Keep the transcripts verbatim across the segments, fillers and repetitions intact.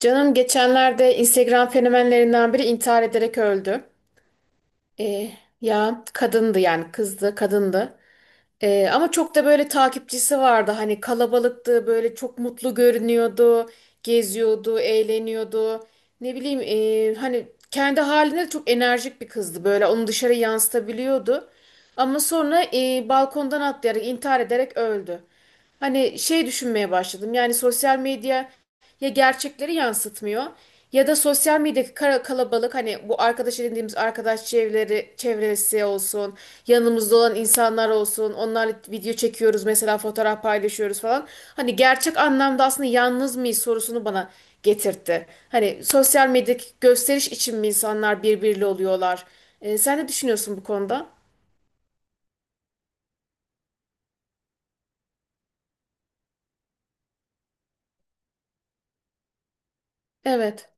Canım geçenlerde Instagram fenomenlerinden biri intihar ederek öldü. Ee, ya kadındı yani kızdı kadındı. Ee, ama çok da böyle takipçisi vardı. Hani kalabalıktı böyle çok mutlu görünüyordu. Geziyordu, eğleniyordu. Ne bileyim ee, hani kendi halinde de çok enerjik bir kızdı böyle onu dışarı yansıtabiliyordu. Ama sonra ee, balkondan atlayarak intihar ederek öldü. Hani şey düşünmeye başladım yani sosyal medya ya gerçekleri yansıtmıyor ya da sosyal medyadaki kara- kalabalık hani bu arkadaş edindiğimiz arkadaş çevreleri, çevresi olsun yanımızda olan insanlar olsun onlarla video çekiyoruz mesela fotoğraf paylaşıyoruz falan hani gerçek anlamda aslında yalnız mıyız sorusunu bana getirtti. Hani sosyal medyadaki gösteriş için mi insanlar birbiriyle oluyorlar? Ee, sen ne düşünüyorsun bu konuda? Evet,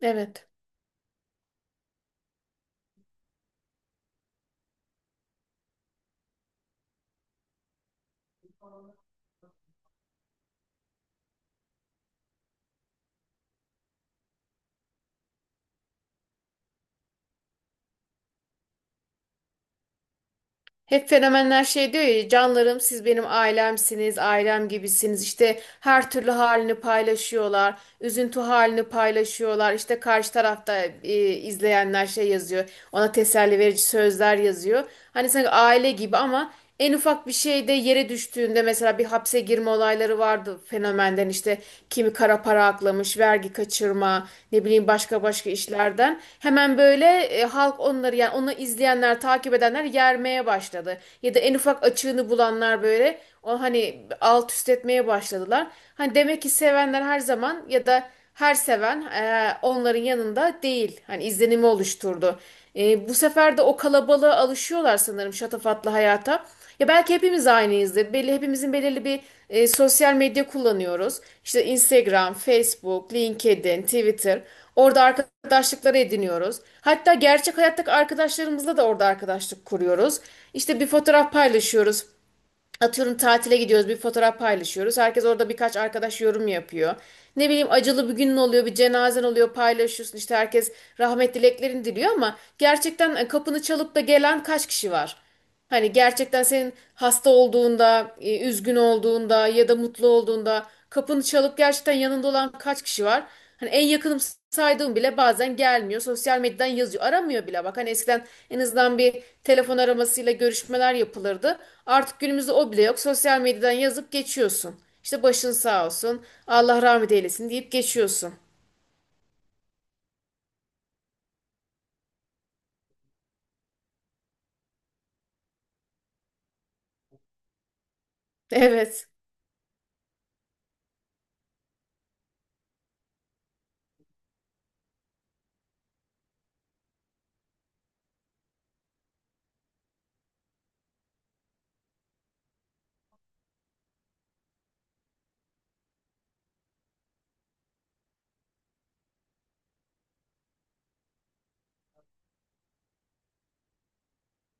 evet. Hep fenomenler şey diyor ya canlarım siz benim ailemsiniz, ailem gibisiniz. İşte her türlü halini paylaşıyorlar, üzüntü halini paylaşıyorlar. İşte karşı tarafta e, izleyenler şey yazıyor, ona teselli verici sözler yazıyor. Hani sanki aile gibi ama en ufak bir şeyde yere düştüğünde mesela bir hapse girme olayları vardı fenomenden işte kimi kara para aklamış, vergi kaçırma, ne bileyim başka başka işlerden. Hemen böyle e, halk onları yani onu izleyenler, takip edenler yermeye başladı. Ya da en ufak açığını bulanlar böyle o hani alt üst etmeye başladılar. Hani demek ki sevenler her zaman ya da her seven e, onların yanında değil. Hani izlenimi oluşturdu. E, bu sefer de o kalabalığa alışıyorlar sanırım şatafatlı hayata. Ya belki hepimiz aynıyızdır. Belli hepimizin belirli bir e, sosyal medya kullanıyoruz. İşte Instagram, Facebook, LinkedIn, Twitter. Orada arkadaşlıkları ediniyoruz. Hatta gerçek hayattaki arkadaşlarımızla da orada arkadaşlık kuruyoruz. İşte bir fotoğraf paylaşıyoruz. Atıyorum tatile gidiyoruz bir fotoğraf paylaşıyoruz. Herkes orada birkaç arkadaş yorum yapıyor. Ne bileyim acılı bir günün oluyor, bir cenazen oluyor paylaşıyorsun. İşte herkes rahmet dileklerini diliyor ama gerçekten e, kapını çalıp da gelen kaç kişi var? Hani gerçekten senin hasta olduğunda, e, üzgün olduğunda ya da mutlu olduğunda kapını çalıp gerçekten yanında olan kaç kişi var? Hani en yakınım saydığım bile bazen gelmiyor. Sosyal medyadan yazıyor. Aramıyor bile. Bak hani eskiden en azından bir telefon aramasıyla görüşmeler yapılırdı. Artık günümüzde o bile yok. Sosyal medyadan yazıp geçiyorsun. İşte başın sağ olsun. Allah rahmet eylesin deyip geçiyorsun. Evet.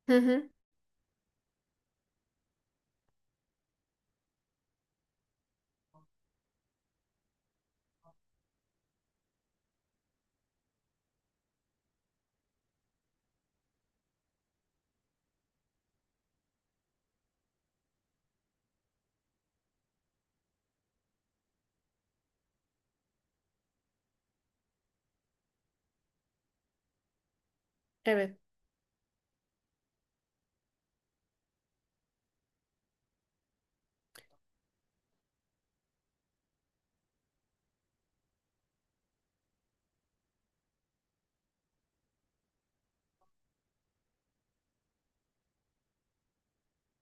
Hı hı. Evet.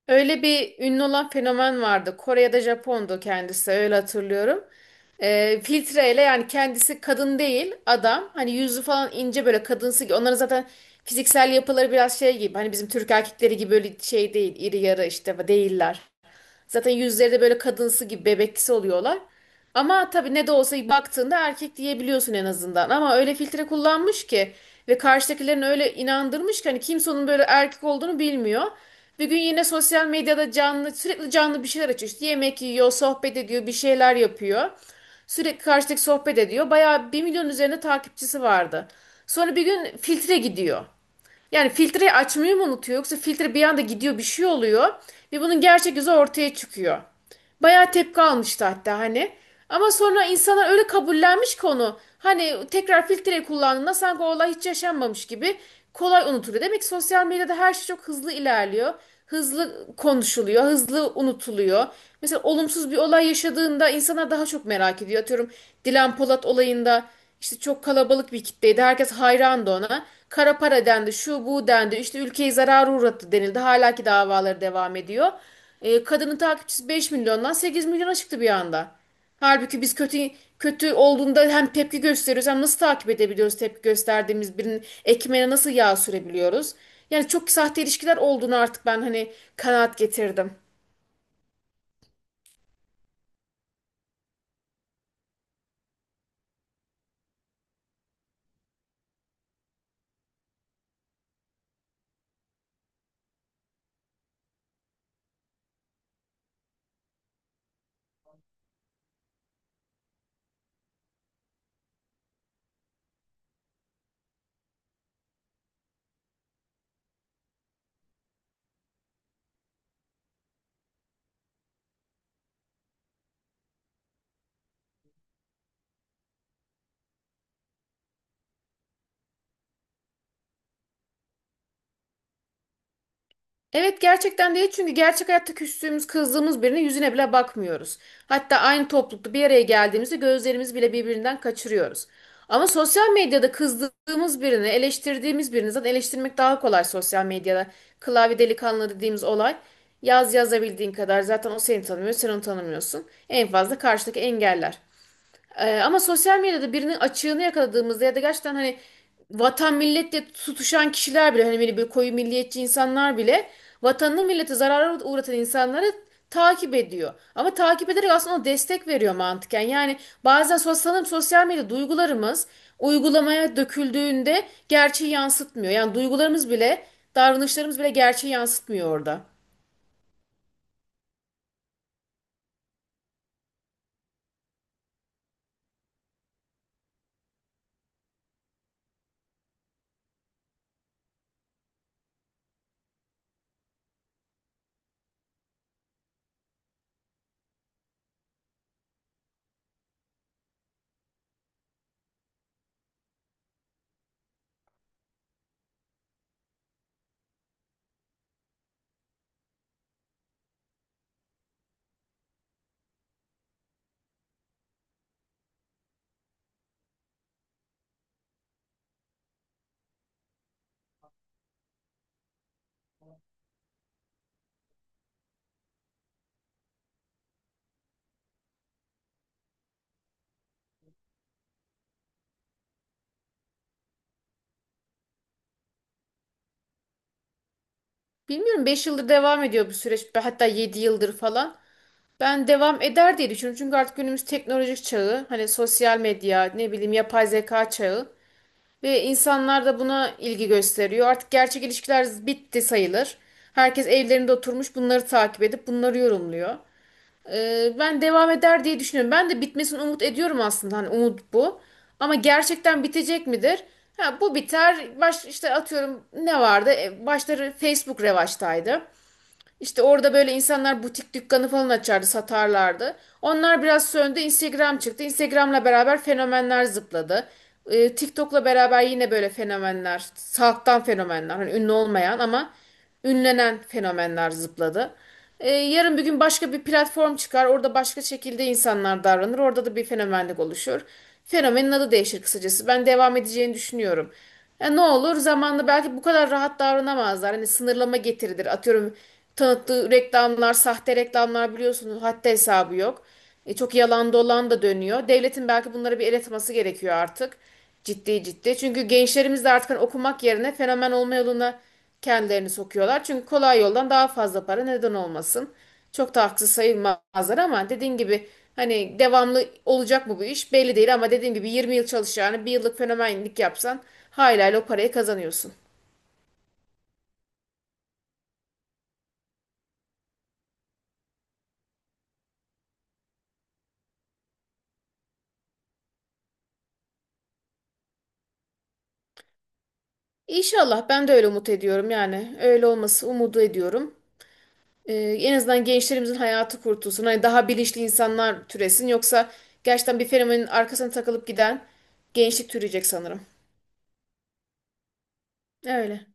Öyle bir ünlü olan fenomen vardı. Kore'de Japon'du kendisi öyle hatırlıyorum. Ee, filtreyle yani kendisi kadın değil adam. Hani yüzü falan ince böyle kadınsı. Onların zaten fiziksel yapıları biraz şey gibi. Hani bizim Türk erkekleri gibi böyle şey değil. İri yarı işte değiller. Zaten yüzleri de böyle kadınsı gibi bebeksi oluyorlar. Ama tabii ne de olsa baktığında erkek diyebiliyorsun en azından. Ama öyle filtre kullanmış ki ve karşıdakilerini öyle inandırmış ki hani kimse onun böyle erkek olduğunu bilmiyor. Bir gün yine sosyal medyada canlı sürekli canlı bir şeyler açıyor. İşte yemek yiyor, sohbet ediyor, bir şeyler yapıyor. Sürekli karşıdaki sohbet ediyor. Bayağı bir milyon üzerinde takipçisi vardı. Sonra bir gün filtre gidiyor. Yani filtreyi açmayı mı unutuyor yoksa filtre bir anda gidiyor bir şey oluyor ve bunun gerçek yüzü ortaya çıkıyor. Bayağı tepki almıştı hatta hani. Ama sonra insanlar öyle kabullenmiş konu. Hani tekrar filtre kullandığında sanki o olay hiç yaşanmamış gibi kolay unutuluyor. Demek ki sosyal medyada her şey çok hızlı ilerliyor. Hızlı konuşuluyor, hızlı unutuluyor. Mesela olumsuz bir olay yaşadığında insanlar daha çok merak ediyor. Atıyorum Dilan Polat olayında işte çok kalabalık bir kitleydi. Herkes hayrandı ona. Kara para dendi, şu bu dendi. İşte ülkeyi zarara uğrattı denildi. Hala ki davaları devam ediyor. E, kadının takipçisi 5 milyondan 8 milyona çıktı bir anda. Halbuki biz kötü kötü olduğunda hem tepki gösteriyoruz hem nasıl takip edebiliyoruz tepki gösterdiğimiz birinin ekmeğine nasıl yağ sürebiliyoruz? Yani çok sahte ilişkiler olduğunu artık ben hani kanaat getirdim. Evet, gerçekten değil çünkü gerçek hayatta küstüğümüz, kızdığımız birine yüzüne bile bakmıyoruz. Hatta aynı toplulukta bir araya geldiğimizde gözlerimizi bile birbirinden kaçırıyoruz. Ama sosyal medyada kızdığımız birini, eleştirdiğimiz birini zaten eleştirmek daha kolay sosyal medyada. Klavye delikanlı dediğimiz olay. Yaz yazabildiğin kadar zaten o seni tanımıyor, sen onu tanımıyorsun. En fazla karşıdaki engeller. Ee, ama sosyal medyada birinin açığını yakaladığımızda ya da gerçekten hani vatan milletle tutuşan kişiler bile hani böyle, böyle koyu milliyetçi insanlar bile vatanını millete zarara uğratan insanları takip ediyor. Ama takip ederek aslında o destek veriyor mantıken. Yani bazen sos- sanırım sosyal medya duygularımız uygulamaya döküldüğünde gerçeği yansıtmıyor. Yani duygularımız bile davranışlarımız bile gerçeği yansıtmıyor orada. Bilmiyorum, beş yıldır devam ediyor bu süreç hatta yedi yıldır falan. Ben devam eder diye düşünüyorum. Çünkü artık günümüz teknolojik çağı, hani sosyal medya, ne bileyim yapay zeka çağı ve insanlar da buna ilgi gösteriyor. Artık gerçek ilişkiler bitti sayılır. Herkes evlerinde oturmuş bunları takip edip bunları yorumluyor. Ee, ben devam eder diye düşünüyorum. Ben de bitmesini umut ediyorum aslında. Hani umut bu. Ama gerçekten bitecek midir? Ha, bu biter. Baş, işte atıyorum ne vardı? E, Başları Facebook revaçtaydı. İşte orada böyle insanlar butik dükkanı falan açardı, satarlardı. Onlar biraz söndü, Instagram çıktı. Instagram'la beraber fenomenler zıpladı. Ee, TikTok'la beraber yine böyle fenomenler, halktan fenomenler, hani ünlü olmayan ama ünlenen fenomenler zıpladı. Ee, yarın bir gün başka bir platform çıkar, orada başka şekilde insanlar davranır, orada da bir fenomenlik oluşur. Fenomenin adı değişir kısacası. Ben devam edeceğini düşünüyorum. Ya ne olur zamanla belki bu kadar rahat davranamazlar. Hani sınırlama getirilir. Atıyorum tanıttığı reklamlar, sahte reklamlar biliyorsunuz haddi hesabı yok. E, çok yalan dolan da dönüyor. Devletin belki bunlara bir el atması gerekiyor artık. Ciddi ciddi. Çünkü gençlerimiz de artık hani okumak yerine fenomen olma yoluna kendilerini sokuyorlar. Çünkü kolay yoldan daha fazla para neden olmasın. Çok da haksız sayılmazlar ama dediğin gibi hani devamlı olacak mı bu iş belli değil ama dediğim gibi 20 yıl çalışacağını bir yıllık fenomenlik yapsan hala o parayı kazanıyorsun. İnşallah, ben de öyle umut ediyorum yani öyle olması umudu ediyorum. Ee, en azından gençlerimizin hayatı kurtulsun. Hani daha bilinçli insanlar türesin yoksa gerçekten bir fenomenin arkasına takılıp giden gençlik türeyecek sanırım. Öyle.